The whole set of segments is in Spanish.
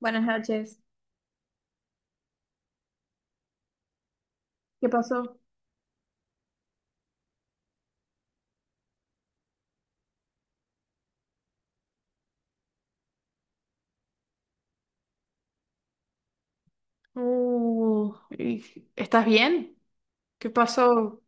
Buenas noches. ¿Qué pasó? Uh, y- ¿Estás bien? ¿Qué pasó?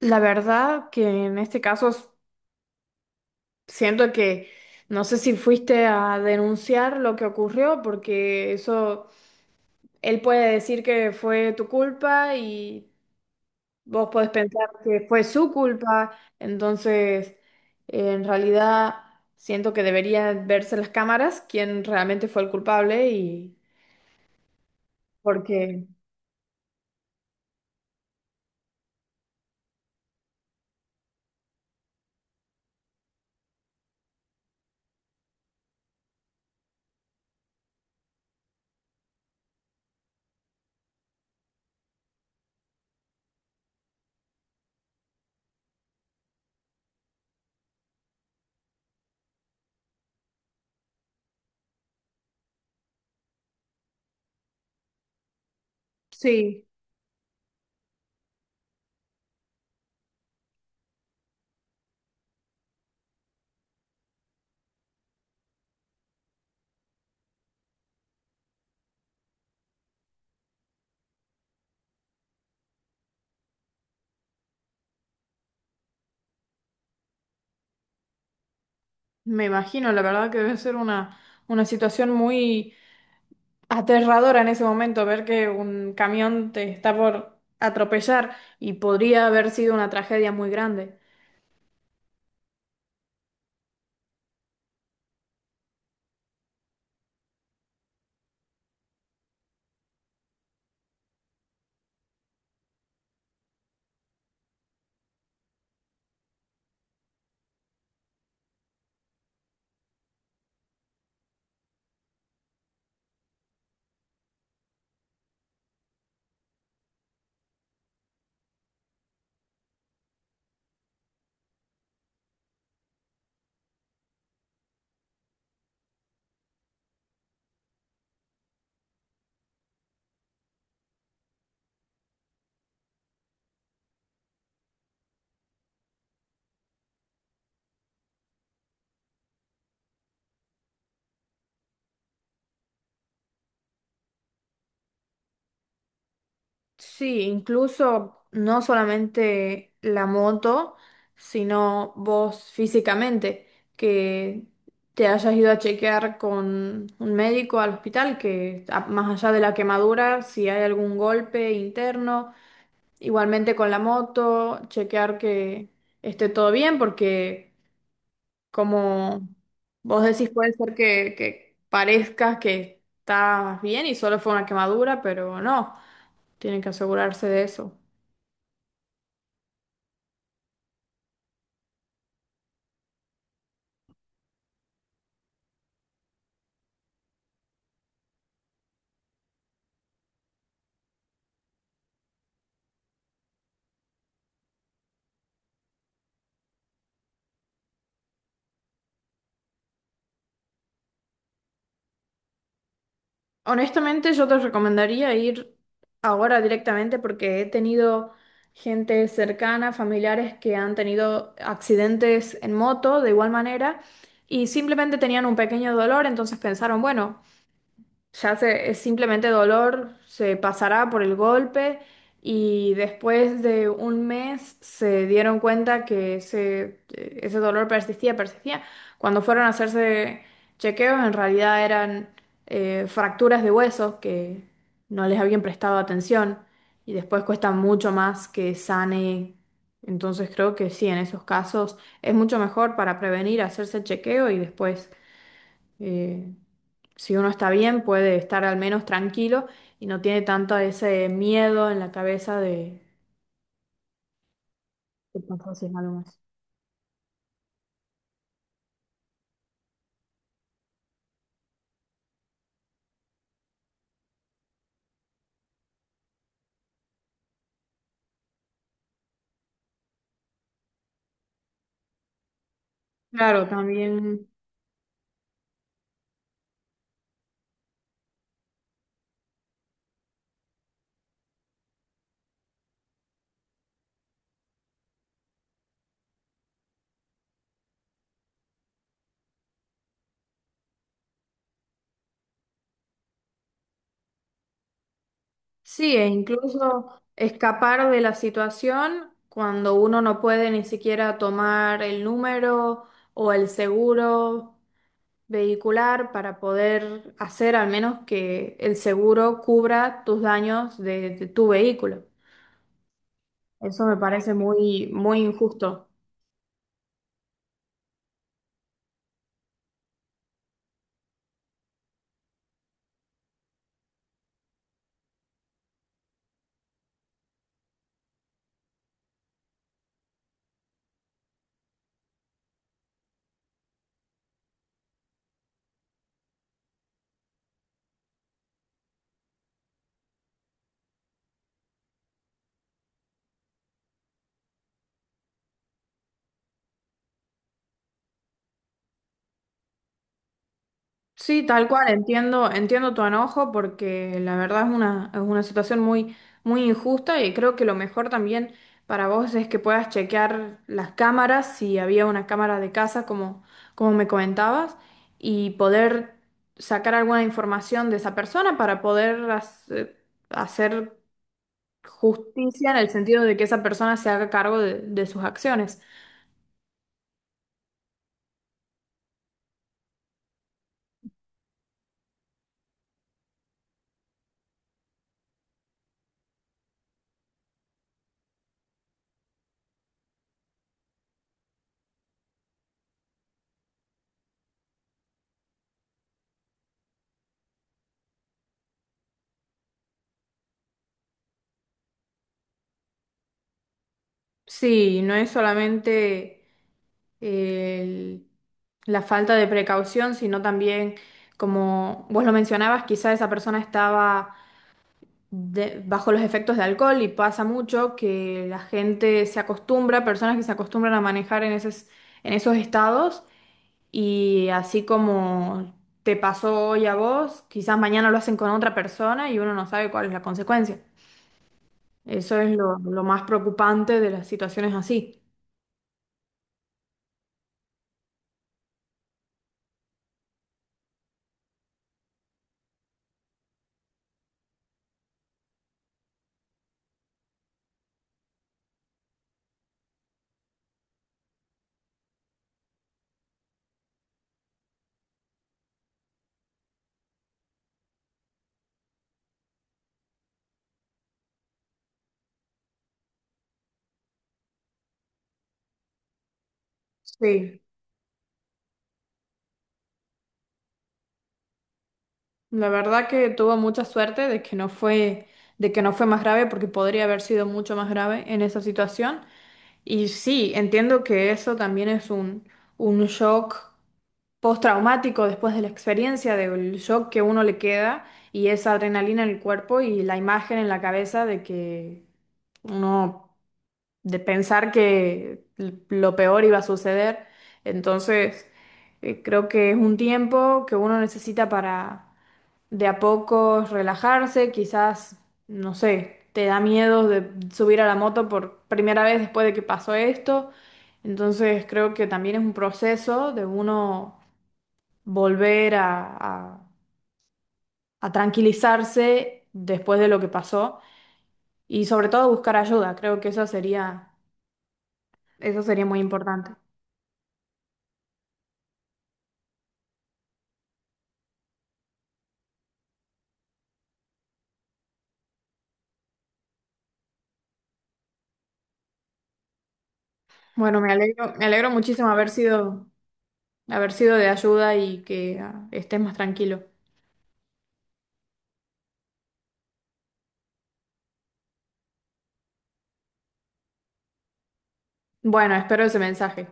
La verdad que en este caso siento que no sé si fuiste a denunciar lo que ocurrió, porque eso él puede decir que fue tu culpa y vos podés pensar que fue su culpa. Entonces, en realidad siento que deberían verse las cámaras quién realmente fue el culpable y porque sí. Me imagino, la verdad que debe ser una situación muy aterradora en ese momento, ver que un camión te está por atropellar y podría haber sido una tragedia muy grande. Sí, incluso no solamente la moto, sino vos físicamente, que te hayas ido a chequear con un médico al hospital, que más allá de la quemadura, si hay algún golpe interno. Igualmente con la moto, chequear que esté todo bien, porque como vos decís, puede ser que parezcas que estás bien y solo fue una quemadura, pero no, tienen que asegurarse de eso. Honestamente, yo te recomendaría ir ahora directamente, porque he tenido gente cercana, familiares que han tenido accidentes en moto de igual manera y simplemente tenían un pequeño dolor, entonces pensaron, bueno. Ya se, es simplemente dolor, se pasará por el golpe, y después de un mes se dieron cuenta que ese, ese dolor persistía, persistía. Cuando fueron a hacerse chequeos, en realidad eran fracturas de huesos que no les habían prestado atención y después cuesta mucho más que sane. Entonces creo que sí, en esos casos es mucho mejor para prevenir hacerse el chequeo, y después eh, si uno está bien, puede estar al menos tranquilo y no tiene tanto ese miedo en la cabeza de que pasó si es algo más. Claro, también sí, e incluso escapar de la situación cuando uno no puede ni siquiera tomar el número o el seguro vehicular para poder hacer al menos que el seguro cubra tus daños de tu vehículo. Eso me parece muy, muy injusto. Sí, tal cual, entiendo, entiendo tu enojo porque la verdad es una situación muy, muy injusta, y creo que lo mejor también para vos es que puedas chequear las cámaras, si había una cámara de casa, como, como me comentabas, y poder sacar alguna información de esa persona para poder hacer justicia en el sentido de que esa persona se haga cargo de sus acciones. Sí, no es solamente el- la falta de precaución, sino también, como vos lo mencionabas, quizá esa persona estaba bajo los efectos de alcohol, y pasa mucho que la gente se acostumbra, personas que se acostumbran a manejar en esos estados, y así como te pasó hoy a vos, quizás mañana lo hacen con otra persona y uno no sabe cuál es la consecuencia. Eso es lo más preocupante de las situaciones así. Sí. La verdad que tuvo mucha suerte de que no fue, de que no fue más grave, porque podría haber sido mucho más grave en esa situación. Y sí, entiendo que eso también es un shock postraumático después de la experiencia, del shock que uno le queda y esa adrenalina en el cuerpo y la imagen en la cabeza de que uno, de pensar que lo peor iba a suceder. Entonces, creo que es un tiempo que uno necesita para de a poco relajarse, quizás, no sé, te da miedo de subir a la moto por primera vez después de que pasó esto. Entonces creo que también es un proceso de uno volver a, a- a tranquilizarse después de lo que pasó y sobre todo buscar ayuda. Creo que eso sería muy importante. Bueno, me alegro muchísimo haber sido de ayuda y que estés más tranquilo. Bueno, espero ese mensaje.